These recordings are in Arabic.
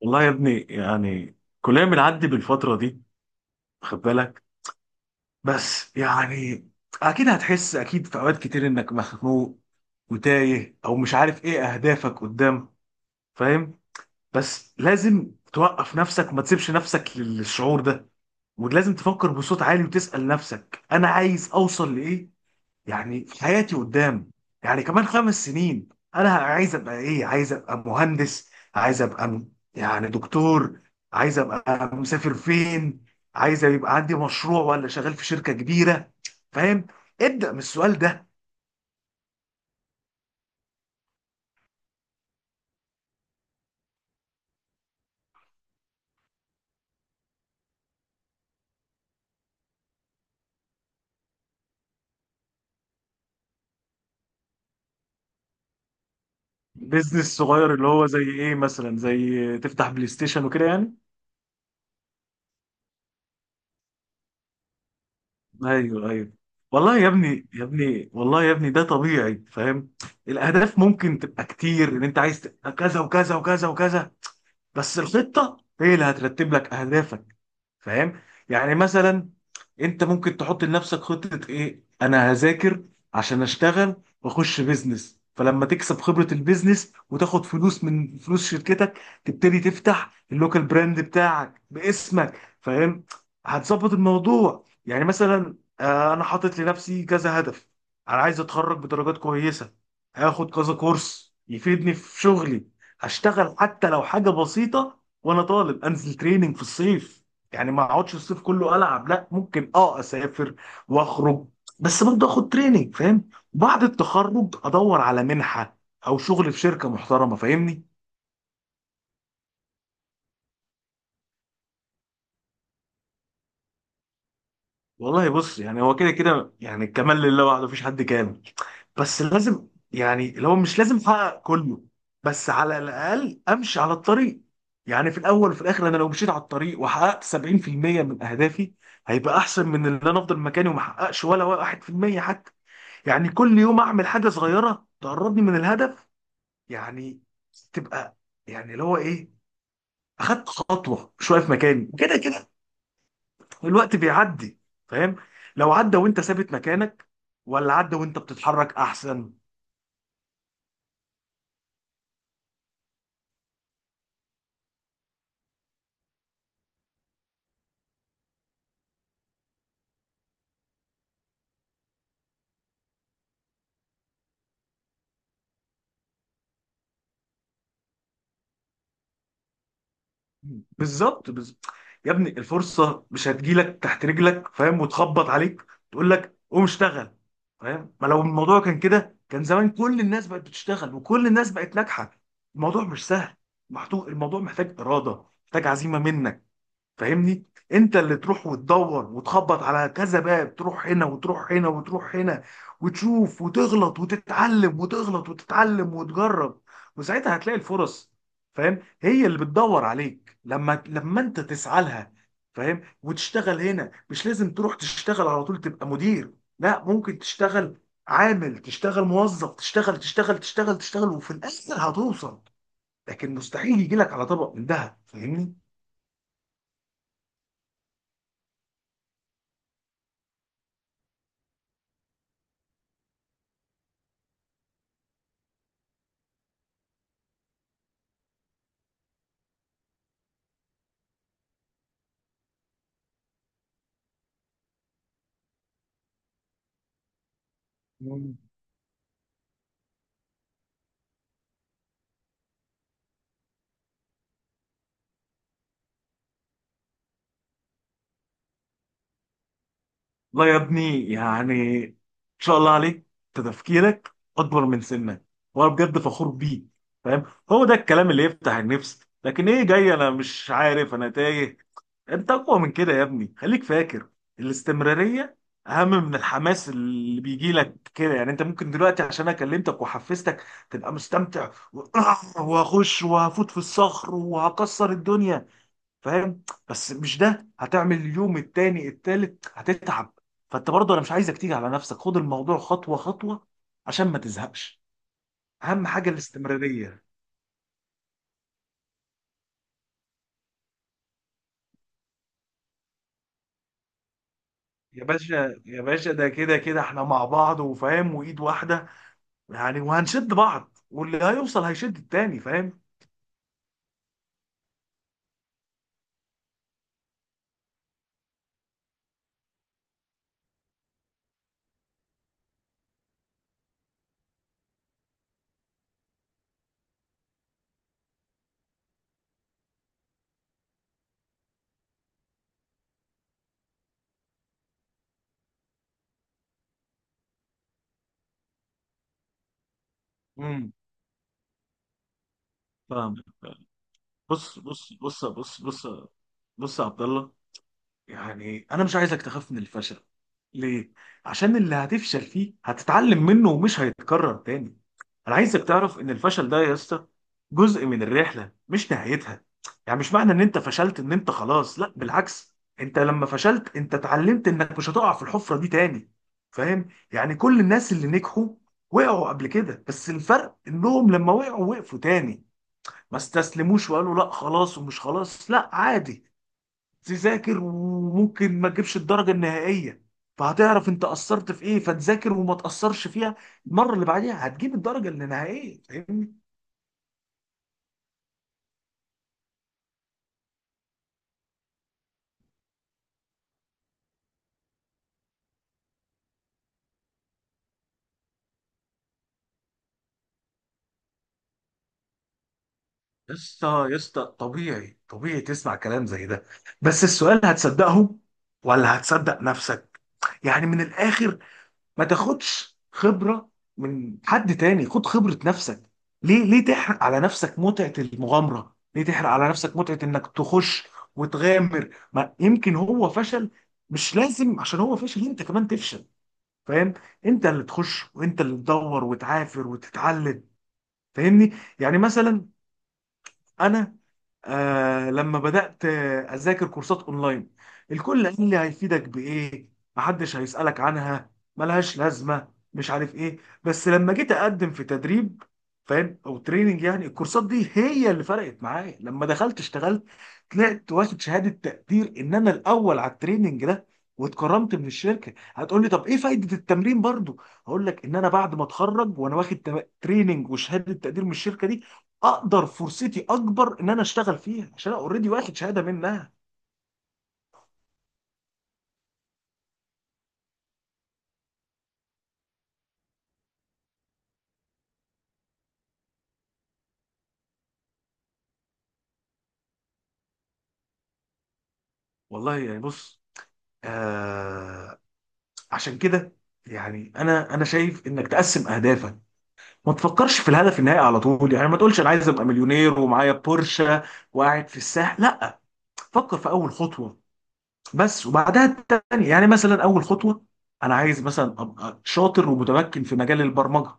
والله يا ابني يعني كلنا بنعدي بالفترة دي. خد بالك. بس يعني أكيد هتحس، أكيد في أوقات كتير إنك مخنوق وتايه أو مش عارف إيه أهدافك قدام. فاهم؟ بس لازم توقف نفسك، ما تسيبش نفسك للشعور ده، ولازم تفكر بصوت عالي وتسأل نفسك أنا عايز أوصل لإيه يعني في حياتي قدام، يعني كمان 5 سنين. انا عايز ابقى ايه؟ عايز ابقى مهندس؟ عايز ابقى يعني دكتور؟ عايز ابقى مسافر فين؟ عايز يبقى عندي مشروع ولا شغال في شركة كبيرة؟ فاهم؟ ابدأ من السؤال ده. بيزنس صغير اللي هو زي ايه مثلا؟ زي تفتح بلاي ستيشن وكده يعني؟ ايوه، ايوه. والله يا ابني، يا ابني، والله يا ابني، ده طبيعي. فاهم؟ الاهداف ممكن تبقى كتير، ان انت عايز تبقى كذا وكذا وكذا وكذا، بس الخطه هي اللي هترتب لك اهدافك. فاهم؟ يعني مثلا انت ممكن تحط لنفسك خطة ايه؟ انا هذاكر عشان اشتغل واخش بيزنس، فلما تكسب خبرة البيزنس وتاخد فلوس من فلوس شركتك تبتدي تفتح اللوكال براند بتاعك باسمك. فاهم؟ هتظبط الموضوع. يعني مثلا انا حاطط لنفسي كذا هدف. انا عايز اتخرج بدرجات كويسة، هاخد كذا كورس يفيدني في شغلي، هشتغل حتى لو حاجة بسيطة وانا طالب، انزل تريننج في الصيف. يعني ما اقعدش الصيف كله العب، لا ممكن اسافر واخرج، بس برضه اخد تريننج. فاهم؟ بعد التخرج ادور على منحه او شغل في شركه محترمه. فاهمني؟ والله بص، يعني هو كده كده يعني الكمال لله وحده، مفيش حد كامل. بس لازم يعني، لو مش لازم احقق كله، بس على الاقل امشي على الطريق. يعني في الاول وفي الاخر انا لو مشيت على الطريق وحققت 70% من اهدافي هيبقى احسن من اللي انا افضل مكاني وما احققش ولا 1% حتى. يعني كل يوم اعمل حاجه صغيره تقربني من الهدف، يعني تبقى، يعني اللي هو ايه، اخدت خطوه مش واقف مكاني. كده كده الوقت بيعدي. فاهم؟ لو عدى وانت ثابت مكانك، ولا عدى وانت بتتحرك احسن؟ بالظبط، بالظبط. يا ابني الفرصه مش هتجيلك تحت رجلك، فاهم، وتخبط عليك تقول لك قوم اشتغل. فاهم؟ ما لو الموضوع كان كده كان زمان كل الناس بقت بتشتغل وكل الناس بقت ناجحه. الموضوع مش سهل. الموضوع محتاج اراده، محتاج عزيمه منك. فاهمني؟ انت اللي تروح وتدور وتخبط على كذا باب، تروح هنا وتروح هنا وتروح هنا، وتشوف وتغلط وتتعلم وتغلط وتتعلم وتجرب، وساعتها هتلاقي الفرص. فاهم؟ هي اللي بتدور عليك لما انت تسعى لها. فاهم؟ وتشتغل. هنا مش لازم تروح تشتغل على طول تبقى مدير، لا ممكن تشتغل عامل، تشتغل موظف، تشتغل تشتغل تشتغل تشتغل وفي الاخر هتوصل. لكن مستحيل يجي لك على طبق من دهب. فاهمني؟ لا يا ابني، يعني ان شاء الله عليك، أنت تفكيرك اكبر من سنك وانا بجد فخور بيك. فاهم؟ هو ده الكلام اللي يفتح النفس، لكن ايه جاي انا مش عارف انا تايه. انت اقوى من كده يا ابني، خليك فاكر الاستمرارية اهم من الحماس اللي بيجي لك كده. يعني انت ممكن دلوقتي، عشان انا كلمتك وحفزتك، تبقى مستمتع وهخش وهفوت في الصخر وهكسر الدنيا. فاهم؟ بس مش ده هتعمل اليوم التاني التالت، هتتعب. فانت برضه انا مش عايزك تيجي على نفسك، خد الموضوع خطوه خطوه عشان ما تزهقش. اهم حاجه الاستمراريه. يا باشا، يا باشا، ده كده كده احنا مع بعض، وفاهم، وايد واحده يعني، وهنشد بعض واللي هيوصل هيشد التاني. فاهم؟ امم فاهم. بص بص بص بص بص بص يا عبد الله. يعني انا مش عايزك تخاف من الفشل. ليه؟ عشان اللي هتفشل فيه هتتعلم منه ومش هيتكرر تاني. انا عايزك تعرف ان الفشل ده يا اسطى جزء من الرحله مش نهايتها. يعني مش معنى ان انت فشلت ان انت خلاص، لا بالعكس، انت لما فشلت انت اتعلمت انك مش هتقع في الحفره دي تاني. فاهم؟ يعني كل الناس اللي نجحوا وقعوا قبل كده، بس الفرق انهم لما وقعوا وقفوا تاني، ما استسلموش وقالوا لا خلاص ومش خلاص. لا عادي، تذاكر وممكن ما تجيبش الدرجة النهائية، فهتعرف انت قصرت في ايه فتذاكر وما تقصرش فيها المرة اللي بعديها هتجيب الدرجة النهائية. فاهمني؟ يا اسطى، يا اسطى، طبيعي طبيعي تسمع كلام زي ده، بس السؤال هتصدقه ولا هتصدق نفسك؟ يعني من الاخر ما تاخدش خبرة من حد تاني، خد خبرة نفسك. ليه؟ ليه تحرق على نفسك متعة المغامرة؟ ليه تحرق على نفسك متعة انك تخش وتغامر؟ ما يمكن هو فشل، مش لازم عشان هو فشل انت كمان تفشل. فاهم؟ انت اللي تخش، وانت اللي تدور وتعافر وتتعلم. فاهمني؟ يعني مثلا انا، لما بدأت أذاكر كورسات أونلاين، الكل قال لي هيفيدك بإيه، محدش هيسألك عنها، ملهاش لازمة، مش عارف إيه. بس لما جيت أقدم في تدريب، فاهم، أو تريننج، يعني الكورسات دي هي اللي فرقت معايا. لما دخلت اشتغلت، طلعت واخد شهادة تقدير إن أنا الأول على التريننج ده واتكرمت من الشركة. هتقول لي طب إيه فايدة التمرين برضو؟ هقول لك إن أنا بعد ما أتخرج وأنا واخد تريننج وشهادة تقدير من الشركة دي، اقدر فرصتي اكبر ان انا اشتغل فيها عشان انا اوريدي واخد شهاده منها. والله يعني بص، آه عشان كده يعني انا شايف انك تقسم اهدافك. ما تفكرش في الهدف النهائي على طول، يعني ما تقولش انا عايز ابقى مليونير ومعايا بورشه وقاعد في الساحل، لا فكر في اول خطوه بس وبعدها التانية. يعني مثلا اول خطوه انا عايز مثلا ابقى شاطر ومتمكن في مجال البرمجه،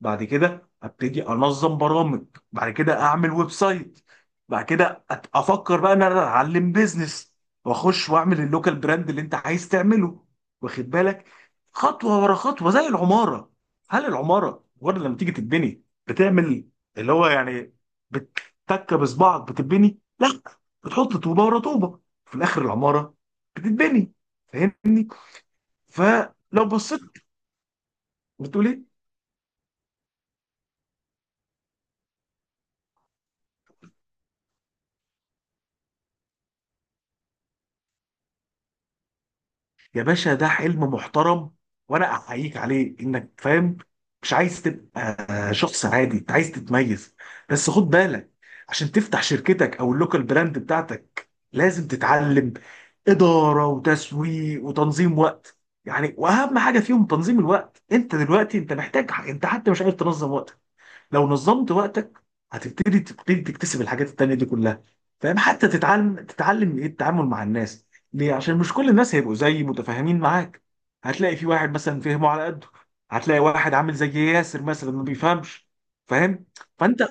بعد كده ابتدي انظم برامج، بعد كده اعمل ويب سايت، بعد كده افكر بقى ان انا اتعلم بيزنس واخش واعمل اللوكال براند اللي انت عايز تعمله. واخد بالك؟ خطوه ورا خطوه زي العماره. هل العماره مجرد لما تيجي تتبني بتعمل اللي هو يعني بتتك بصبعك بتتبني؟ لا، بتحط طوبه ورا طوبه، في الاخر العماره بتتبني. فاهمني؟ فلو بصيت بتقول ايه؟ يا باشا ده حلم محترم وانا احييك عليه، انك فاهم مش عايز تبقى شخص عادي، انت عايز تتميز. بس خد بالك، عشان تفتح شركتك او اللوكال براند بتاعتك لازم تتعلم اداره وتسويق وتنظيم وقت. يعني واهم حاجه فيهم تنظيم الوقت. انت دلوقتي انت محتاج، انت حتى مش عارف تنظم وقتك. لو نظمت وقتك هتبتدي تكتسب الحاجات التانية دي كلها. فاهم؟ حتى تتعلم ايه؟ التعامل مع الناس. ليه؟ عشان مش كل الناس هيبقوا زي متفاهمين معاك. هتلاقي في واحد مثلا فهمه على قده، هتلاقي واحد عامل زي ياسر مثلا ما بيفهمش. فاهم؟ فانت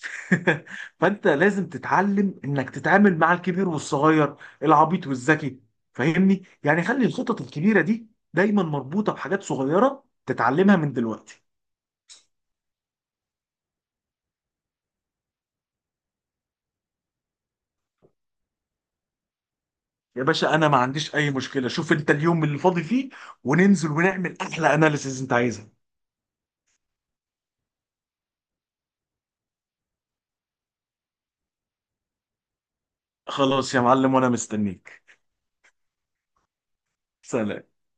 فانت لازم تتعلم انك تتعامل مع الكبير والصغير، العبيط والذكي. فاهمني؟ يعني خلي الخطط الكبيرة دي دايما مربوطة بحاجات صغيرة تتعلمها من دلوقتي. يا باشا انا ما عنديش اي مشكله، شوف انت اليوم اللي فاضي فيه وننزل ونعمل احلى اناليسيز انت عايزها. خلاص يا معلم، وانا مستنيك. سلام.